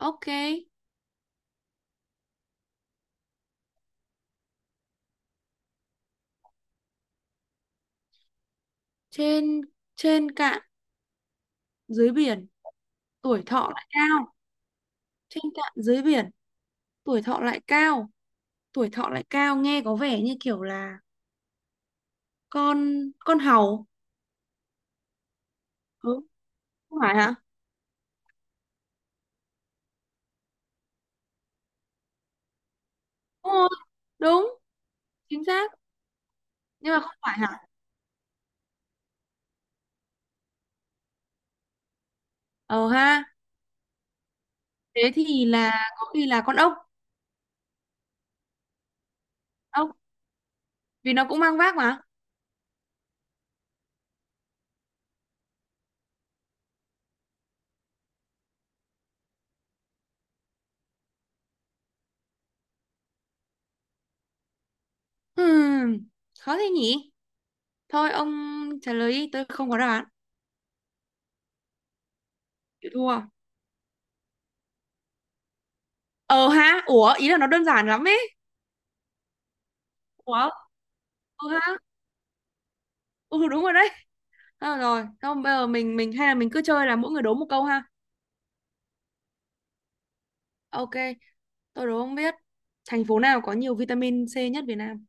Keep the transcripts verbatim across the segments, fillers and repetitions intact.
Ok, trên trên cạn dưới biển, tuổi thọ lại cao. Trên cạn dưới biển, tuổi thọ lại cao. Tuổi thọ lại cao nghe có vẻ như kiểu là con con hầu. Ừ, không phải hả? Đúng rồi, đúng, chính xác. Nhưng mà không phải hả? Ờ ha, thế thì là có khi là con ốc. Ốc, vì nó cũng mang vác mà. Hmm, khó thế nhỉ? Thôi ông trả lời đi, tôi không có đáp án. Chịu thua. Ờ ha, ủa, ý là nó đơn giản lắm ấy. Ủa, ờ ha. Ừ đúng rồi đấy. Ờ, rồi, không bây giờ mình mình hay là mình cứ chơi là mỗi người đố một câu ha. Ok, tôi đố không biết. Thành phố nào có nhiều vitamin C nhất Việt Nam?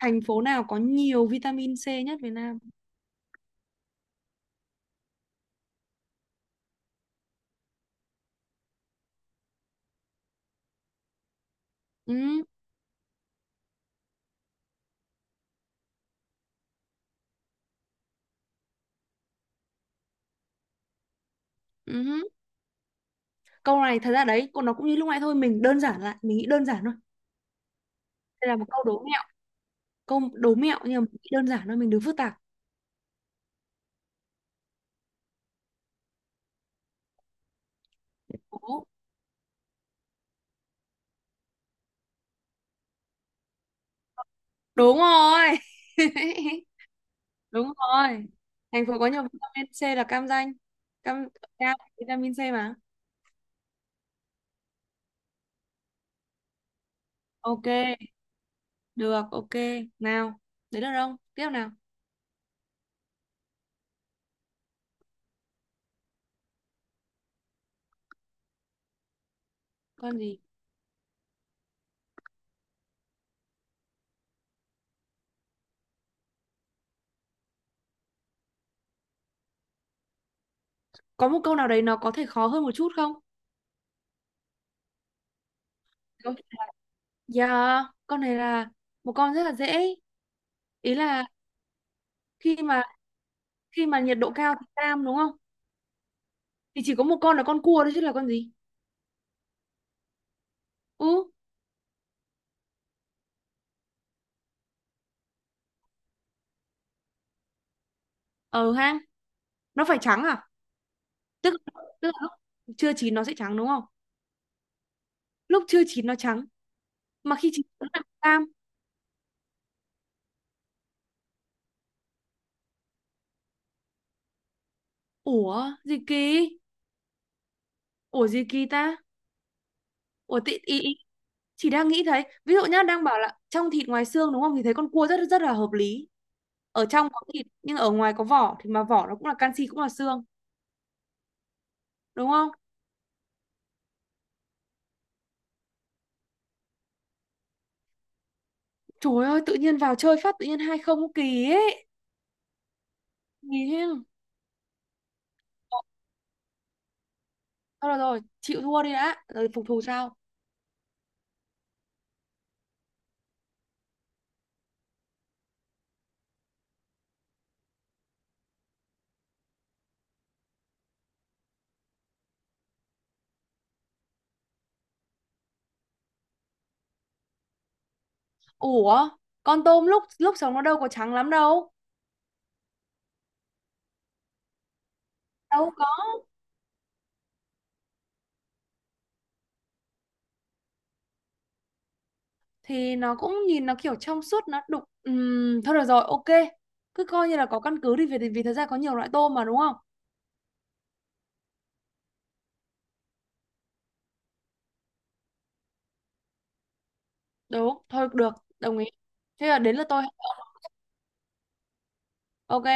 Thành phố nào có nhiều vitamin C nhất Việt Nam? Ừ, ừ. Câu này thật ra đấy, còn nó cũng như lúc nãy thôi, mình đơn giản lại, mình nghĩ đơn giản thôi. Đây là một câu đố mẹo, câu đố mẹo nhưng mà mình nghĩ đơn giản thôi, mình đừng phức tạp. Đố. Đúng rồi. Đúng rồi. Thành phố có nhiều vitamin C là cam Ranh. Cam cam vitamin C mà. Ok. Được, ok. Nào, đấy được không? Tiếp nào. Con gì? Có một câu nào đấy nó có thể khó hơn một chút không? Câu trả lời- Dạ, con này là một con rất là dễ. Ý là khi mà khi mà nhiệt độ cao thì cam đúng không? Thì chỉ có một con là con cua thôi chứ là con gì? Ừ, ở hang. Nó phải trắng à? Tức tức là lúc chưa chín nó sẽ trắng đúng không? Lúc chưa chín nó trắng, mà khi chín nó là cam. Ủa, gì kỳ? Ủa gì kỳ ta? Ủa tị ý, ý chị đang nghĩ thấy, ví dụ nhá, đang bảo là trong thịt ngoài xương đúng không? Thì thấy con cua rất rất là hợp lý. Ở trong có thịt nhưng ở ngoài có vỏ thì mà vỏ nó cũng là canxi cũng là xương, đúng không? Trời ơi, tự nhiên vào chơi phát tự nhiên hai không kỳ ấy. Nhìn thế. Thôi rồi rồi, chịu thua đi đã, rồi phục thù sau. Ủa, con tôm lúc lúc sống nó đâu có trắng lắm đâu. Đâu có. Thì nó cũng nhìn nó kiểu trong suốt nó đục. Ừm, thôi được rồi, ok. Cứ coi như là có căn cứ đi vì vì thật ra có nhiều loại tôm mà đúng không? Đúng, thôi được, đồng ý. Thế là đến lượt tôi. Ok,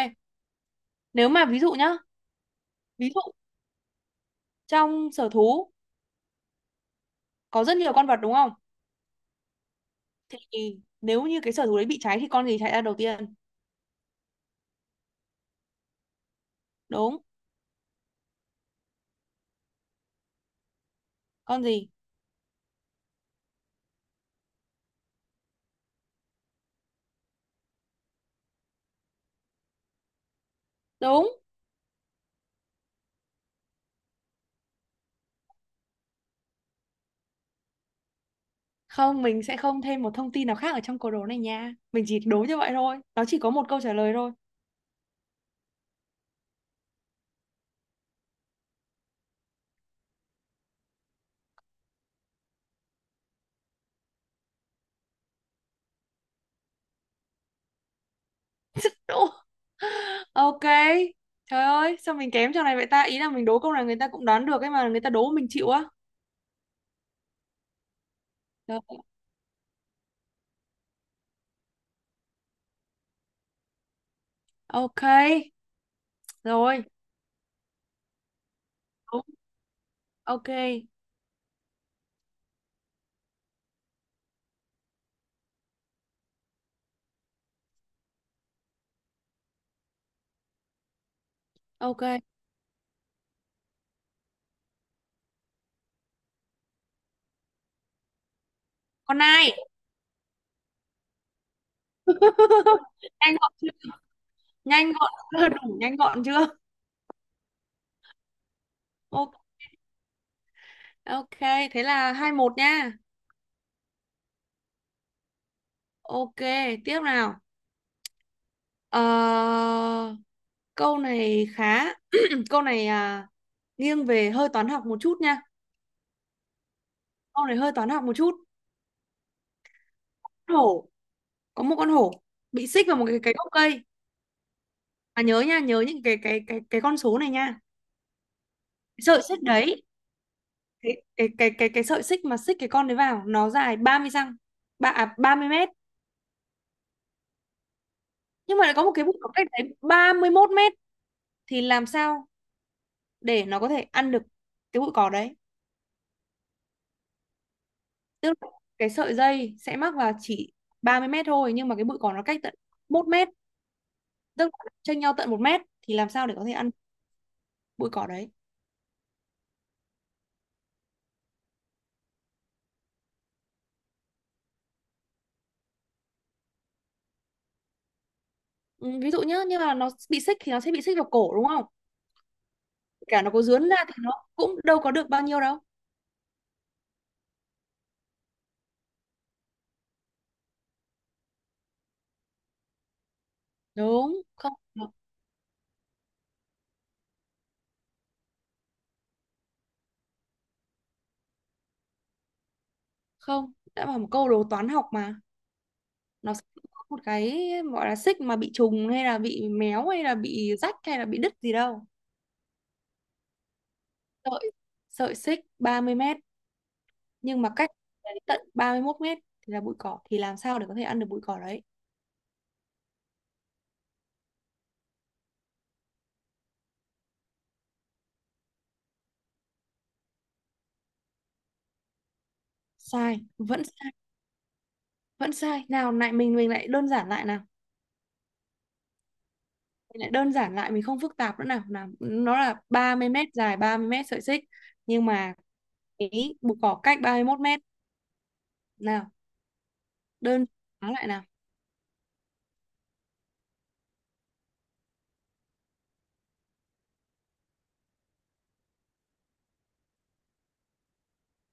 nếu mà ví dụ nhá, ví dụ trong sở thú có rất nhiều con vật đúng không? Thì nếu như cái sở thú đấy bị cháy thì con gì chạy ra đầu tiên? Đúng, con gì? Đúng. Không, mình sẽ không thêm một thông tin nào khác ở trong câu đố này nha. Mình chỉ đố như vậy thôi. Nó chỉ có một câu trả lời thôi. Đúng. Ok. Trời ơi, sao mình kém trong này vậy ta? Ý là mình đố câu này người ta cũng đoán được ấy mà người ta đố mình chịu á. Rồi. Ok. Rồi. Đúng. Ok. Ok. Con ai? Nhanh gọn chưa? Nhanh gọn chưa? Đủ nhanh gọn chưa? Ok, ok, thế là hai một nha. Ok, tiếp nào. Ờ, câu này khá câu này à, nghiêng về hơi toán học một chút nha. Câu này hơi toán học một chút. Hổ, có một con hổ bị xích vào một cái cái gốc cây. Mà nhớ nha, nhớ những cái cái cái cái con số này nha. Sợi xích đấy, cái cái cái cái, cái sợi xích mà xích cái con đấy vào nó dài ba mươi răng. Ba à, ba mươi mét, nhưng mà lại có một cái bụi cỏ cách đấy ba mươi mốt mét thì làm sao để nó có thể ăn được cái bụi cỏ đấy, tức là cái sợi dây sẽ mắc vào chỉ ba mươi mét thôi, nhưng mà cái bụi cỏ nó cách tận một mét, tức là chênh nhau tận một mét thì làm sao để có thể ăn bụi cỏ đấy. Ừ, ví dụ nhá, như là nó bị xích thì nó sẽ bị xích vào cổ đúng không, cả nó có dướn ra thì nó cũng đâu có được bao nhiêu đâu đúng không. Không, đã bảo một câu đồ toán học mà, nó sẽ có một cái gọi là xích mà bị trùng hay là bị méo hay là bị rách hay là bị đứt gì đâu. Sợi sợi xích ba mươi mét nhưng mà cách đến tận ba mươi mốt mét thì là bụi cỏ, thì làm sao để có thể ăn được bụi cỏ đấy. Sai, vẫn sai, vẫn sai nào. Lại mình mình lại đơn giản lại nào. Mình lại đơn giản lại, mình không phức tạp nữa nào. Nào, nó là ba mươi mét, dài ba mươi mét sợi xích, nhưng mà cái bụi cỏ cách ba mươi mốt mét nào. Đơn giản lại nào.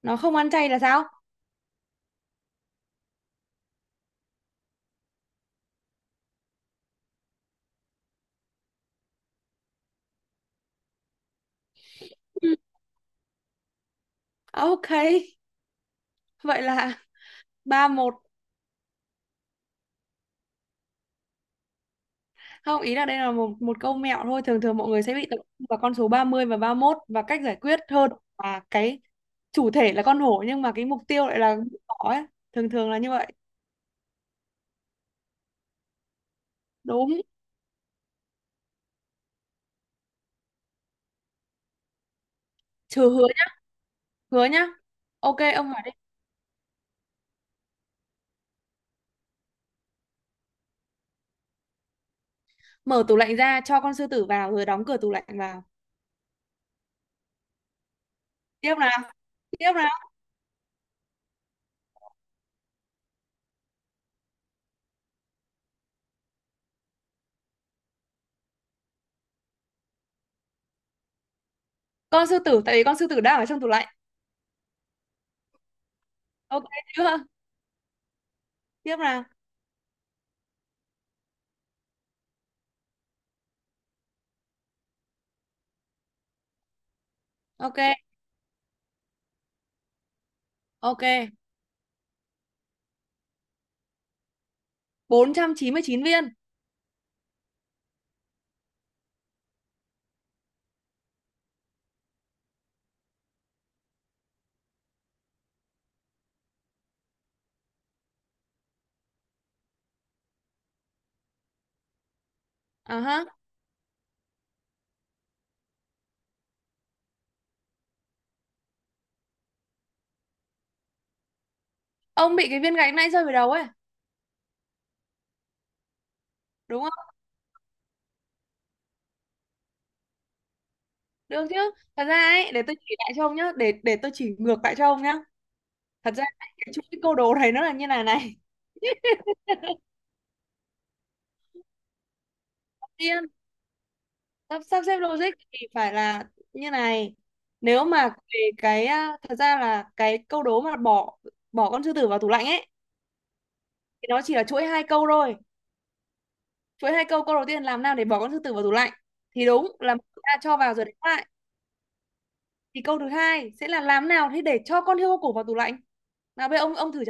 Nó không ăn chay là sao? Ừ, ok, vậy là ba một. Không, ý là đây là một một câu mẹo thôi, thường thường mọi người sẽ bị tập trung vào con số ba mươi và ba mốt và cách giải quyết hơn là cái chủ thể là con hổ, nhưng mà cái mục tiêu lại là con thỏ ấy, thường thường là như vậy. Đúng, trừ hứa nhá, hứa nhá. Ok, ông hỏi đi. Mở tủ lạnh ra cho con sư tử vào rồi đóng cửa tủ lạnh vào. Tiếp nào, tiếp nào. Con sư tử tại vì con sư tử đang ở trong tủ lạnh. Ok chưa? Tiếp nào. Ok, ok. Bốn trăm chín mươi chín viên. À ha. Ông bị cái viên gạch nãy rơi vào đầu ấy, đúng không? Được chứ? Thật ra ấy, để tôi chỉ lại cho ông nhá, để để tôi chỉ ngược lại cho ông nhá. Thật ra ấy, cái chuỗi câu đố này nó là như này này. Tiên, sắp, sắp xếp logic thì phải là như này. Nếu mà về cái à, thật ra là cái câu đố mà bỏ bỏ con sư tử vào tủ lạnh ấy thì nó chỉ là chuỗi hai câu thôi. Chuỗi hai câu, câu đầu tiên làm nào để bỏ con sư tử vào tủ lạnh thì đúng là chúng ta cho vào rồi đánh lại. Thì câu thứ hai sẽ là làm nào thế để cho con hươu cổ vào tủ lạnh. Nào bây giờ ông ông thử.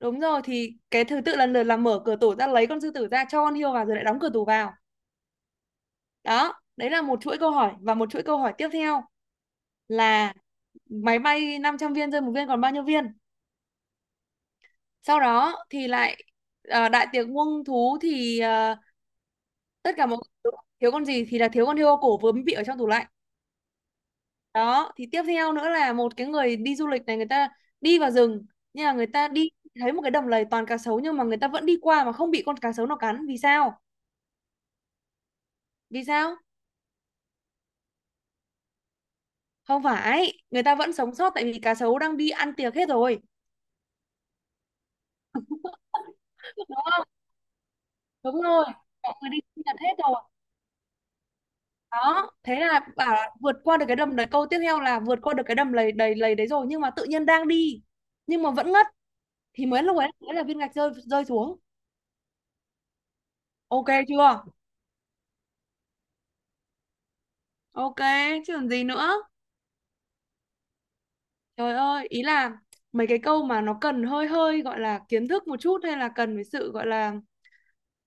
Đúng rồi, thì cái thứ tự lần lượt là mở cửa tủ ra, lấy con sư tử ra, cho con hươu vào, rồi lại đóng cửa tủ vào. Đó, đấy là một chuỗi câu hỏi, và một chuỗi câu hỏi tiếp theo là máy bay năm trăm viên rơi một viên còn bao nhiêu viên. Sau đó thì lại ờ, đại tiệc muông thú thì ờ, tất cả mọi người thiếu con gì thì là thiếu con hươu cổ vướng bị ở trong tủ lạnh. Đó, thì tiếp theo nữa là một cái người đi du lịch này, người ta đi vào rừng, nhưng mà người ta đi thấy một cái đầm lầy toàn cá sấu, nhưng mà người ta vẫn đi qua mà không bị con cá sấu nào cắn, vì sao? Vì sao? Không phải, người ta vẫn sống sót tại vì cá sấu đang đi ăn tiệc hết rồi đúng không. Đúng rồi, mọi người đi sinh nhật hết rồi. Đó, thế là bảo là vượt qua được cái đầm đấy, câu tiếp theo là vượt qua được cái đầm lầy đầy lầy đấy rồi, nhưng mà tự nhiên đang đi nhưng mà vẫn ngất, thì mới lúc ấy mới là viên gạch rơi rơi xuống. Ok chưa? Ok, chứ còn gì nữa. Trời ơi, ý là mấy cái câu mà nó cần hơi hơi gọi là kiến thức một chút hay là cần phải sự gọi là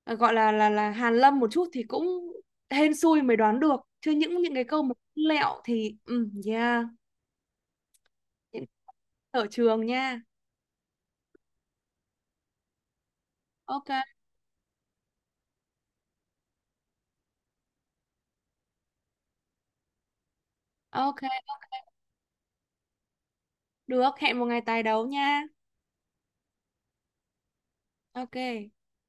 ờ, gọi là là là hàn lâm một chút thì cũng hên xui mới đoán được, chứ những những cái câu mà lẹo thì ừ yeah. Những ở trường nha. Ok, ok, được, hẹn một ngày tài đấu nha. Ok.